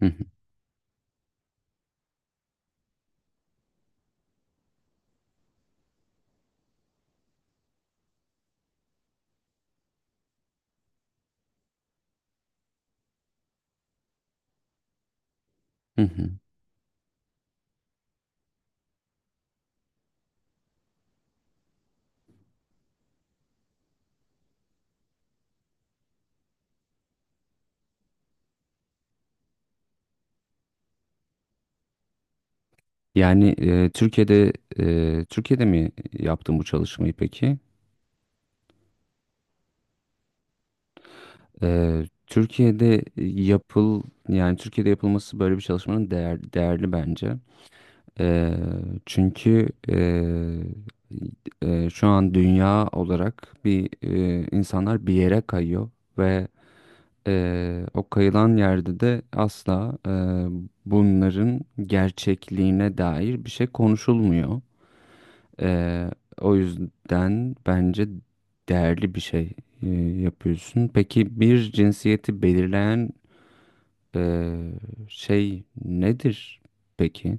Hı hı, hı hı. Yani Türkiye'de Türkiye'de mi yaptın bu çalışmayı peki? E, Türkiye'de yapıl yani Türkiye'de yapılması böyle bir çalışmanın değer, değerli bence. E, Çünkü şu an dünya olarak bir insanlar bir yere kayıyor ve o kayılan yerde de asla bunların gerçekliğine dair bir şey konuşulmuyor. Ee, O yüzden bence değerli bir şey e, yapıyorsun. Peki bir cinsiyeti belirleyen e, şey nedir peki?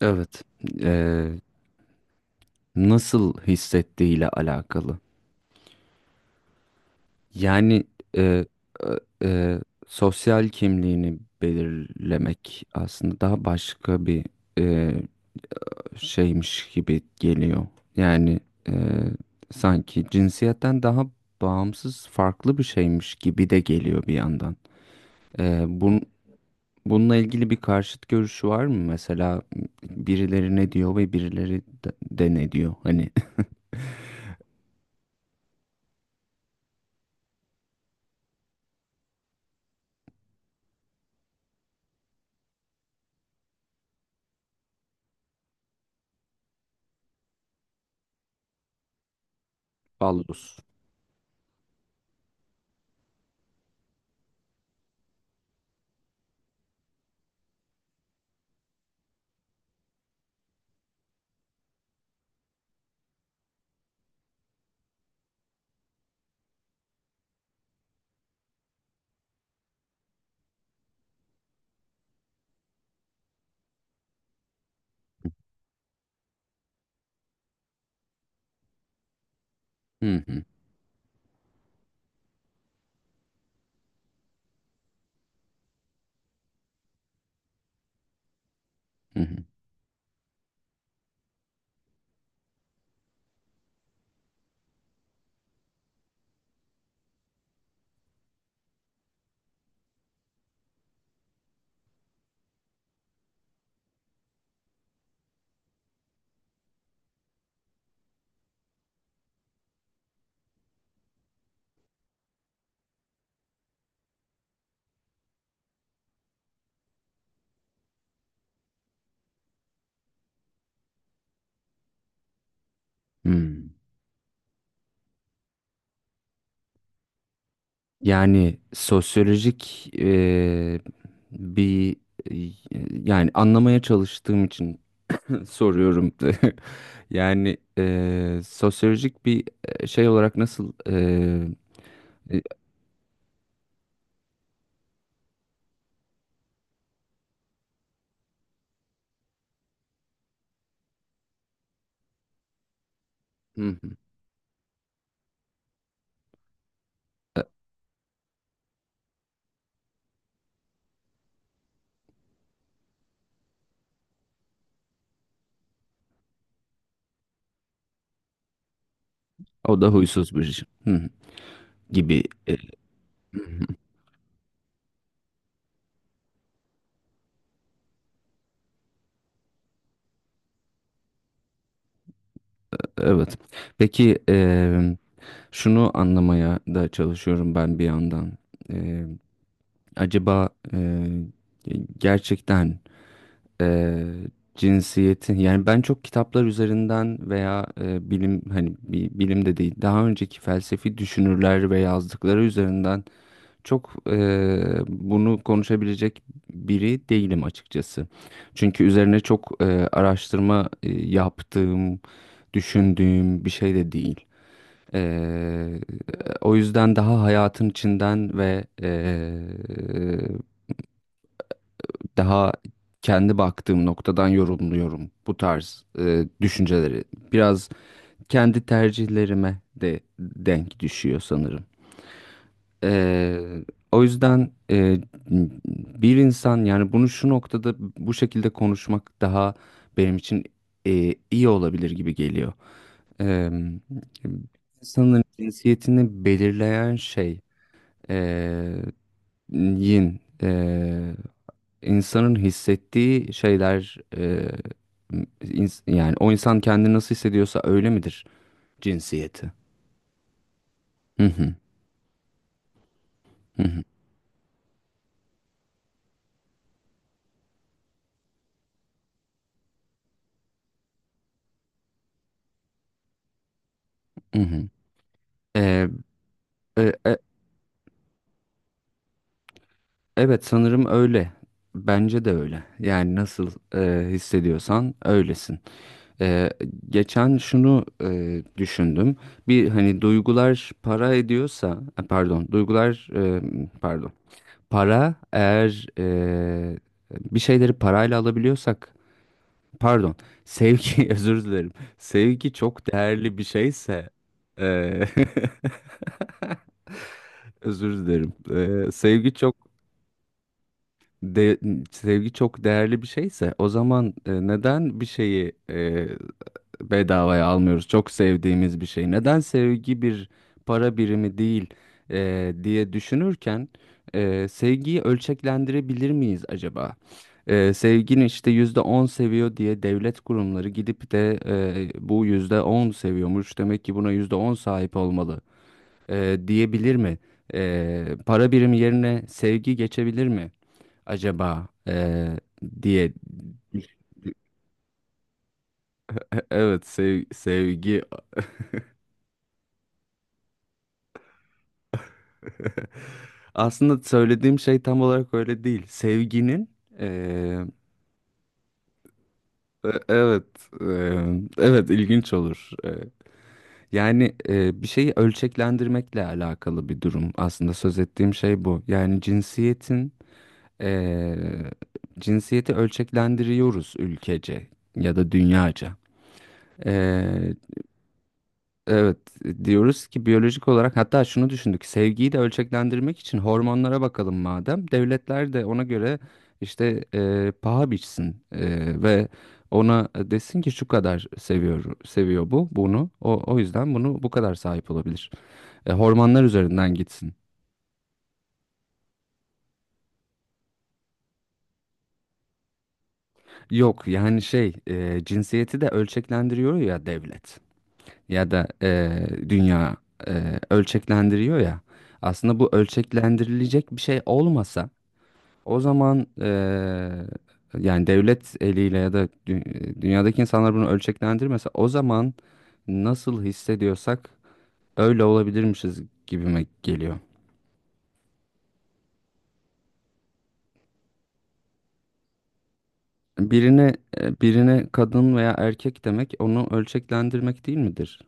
Evet. Ee, Nasıl hissettiğiyle alakalı. Yani e, e, e, sosyal kimliğini belirlemek aslında daha başka bir e, şeymiş gibi geliyor. Yani e, sanki cinsiyetten daha bağımsız farklı bir şeymiş gibi de geliyor bir yandan. E, bun, Bununla ilgili bir karşıt görüşü var mı? Mesela birileri ne diyor ve birileri de ne diyor? Hani ballus. Hı hı, hı hı, hı. Yani sosyolojik bir e, yani anlamaya çalıştığım için soruyorum. Yani sosyolojik bir şey olarak nasıl e, hı hı, e, o da huysuz bir şey. Hı hı, gibi. e, hı hı. Evet. Peki şunu anlamaya da çalışıyorum ben bir yandan. Eee, Acaba gerçekten e, cinsiyetin yani ben çok kitaplar üzerinden veya bilim hani bilim de değil daha önceki felsefi düşünürler ve yazdıkları üzerinden çok bunu konuşabilecek biri değilim açıkçası. Çünkü üzerine çok araştırma yaptığım, düşündüğüm bir şey de değil. E, O yüzden daha hayatın içinden ve daha kendi baktığım noktadan yorumluyorum bu tarz düşünceleri. Biraz kendi tercihlerime de denk düşüyor sanırım. Ee, O yüzden bir insan yani bunu şu noktada bu şekilde konuşmak daha benim için iyi olabilir gibi geliyor. Ee, insanın cinsiyetini belirleyen şey e, yin. e, insanın hissettiği şeyler yani o insan kendini nasıl hissediyorsa öyle midir cinsiyeti? Hı hı, hı hı. Hı hı. E, e, e, evet sanırım öyle. Bence de öyle. Yani nasıl hissediyorsan öylesin. E, Geçen şunu düşündüm. Bir hani duygular para ediyorsa, pardon, duygular pardon. Para eğer bir şeyleri parayla alabiliyorsak pardon sevgi özür dilerim. Sevgi çok değerli bir şeyse eee, özür dilerim. Sevgi çok de, sevgi çok değerli bir şeyse o zaman neden bir şeyi bedavaya almıyoruz? Çok sevdiğimiz bir şey. Neden sevgi bir para birimi değil diye düşünürken sevgiyi ölçeklendirebilir miyiz acaba? Sevgini işte yüzde on seviyor diye devlet kurumları gidip de bu yüzde on seviyormuş demek ki buna yüzde on sahip olmalı diyebilir mi? Para birimi yerine sevgi geçebilir mi acaba diye. Evet, sevgi. Aslında söylediğim şey tam olarak öyle değil. Sevginin evet e, evet ilginç olur. Yani bir şeyi ölçeklendirmekle alakalı bir durum. Aslında söz ettiğim şey bu. Yani cinsiyetin Eee, cinsiyeti ölçeklendiriyoruz ülkece ya da dünyaca. Eee, evet, diyoruz ki biyolojik olarak hatta şunu düşündük sevgiyi de ölçeklendirmek için hormonlara bakalım madem devletler de ona göre işte paha biçsin, ve ona desin ki şu kadar seviyor seviyor bu bunu o yüzden bunu bu kadar sahip olabilir. Hormonlar üzerinden gitsin. Yok yani şey cinsiyeti de ölçeklendiriyor ya devlet. Ya da dünya ölçeklendiriyor ya. Aslında bu ölçeklendirilecek bir şey olmasa o zaman yani devlet eliyle ya da dünyadaki insanlar bunu ölçeklendirmese o zaman nasıl hissediyorsak öyle olabilirmişiz gibime geliyor. Birine birine kadın veya erkek demek onu ölçeklendirmek değil midir?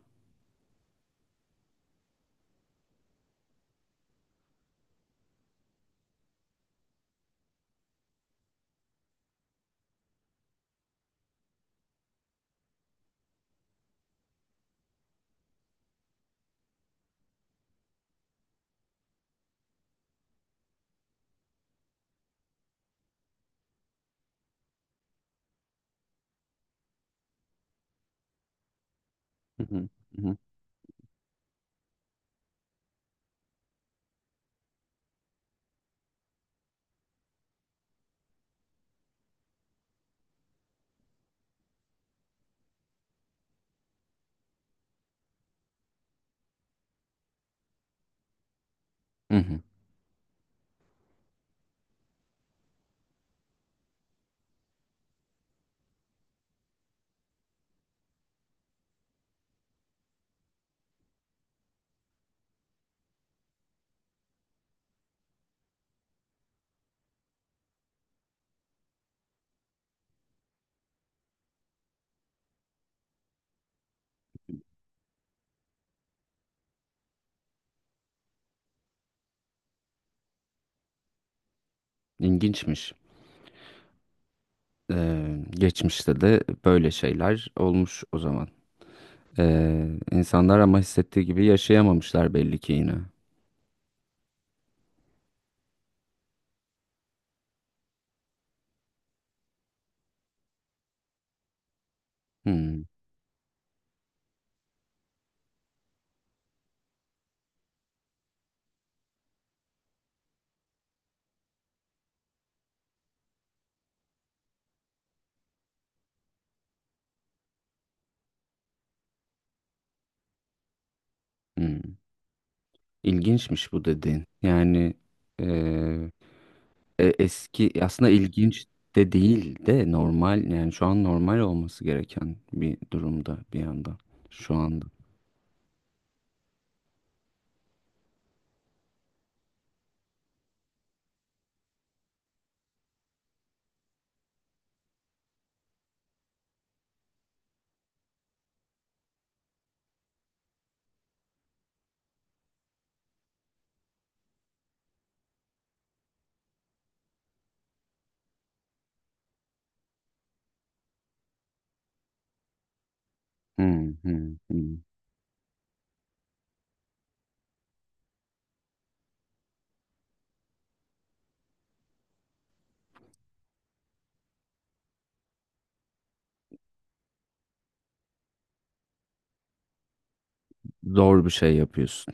Hı hı, hı hı. Hı hı. İlginçmiş. Geçmişte de böyle şeyler olmuş o zaman. Ee, insanlar ama hissettiği gibi yaşayamamışlar belli ki yine. Hmm, hmm. İlginçmiş bu dediğin. Yani eee, eski aslında ilginç de değil de normal yani şu an normal olması gereken bir durumda bir yandan şu anda. Hmm, hmm, hmm. Zor bir şey yapıyorsun.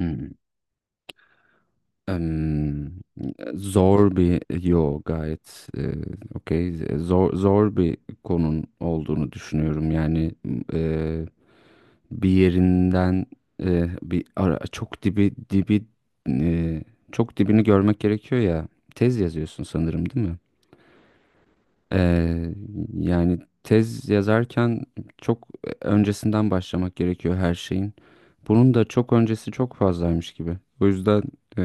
Hmm. Em, Zor bir yo gayet okey zor zor bir konun olduğunu düşünüyorum yani bir yerinden bir ara, çok dibi dibi e, çok dibini görmek gerekiyor ya. Tez yazıyorsun sanırım değil mi? E, Yani tez yazarken çok öncesinden başlamak gerekiyor her şeyin. Bunun da çok öncesi çok fazlaymış gibi. O yüzden e,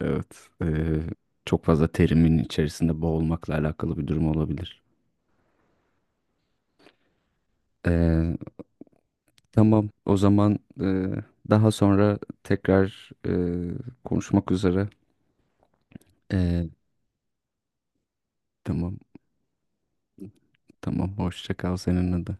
evet, çok fazla terimin içerisinde boğulmakla alakalı bir durum olabilir. Tamam. O zaman daha sonra tekrar konuşmak üzere. E, tamam. Tamam. Hoşça kal seninle de.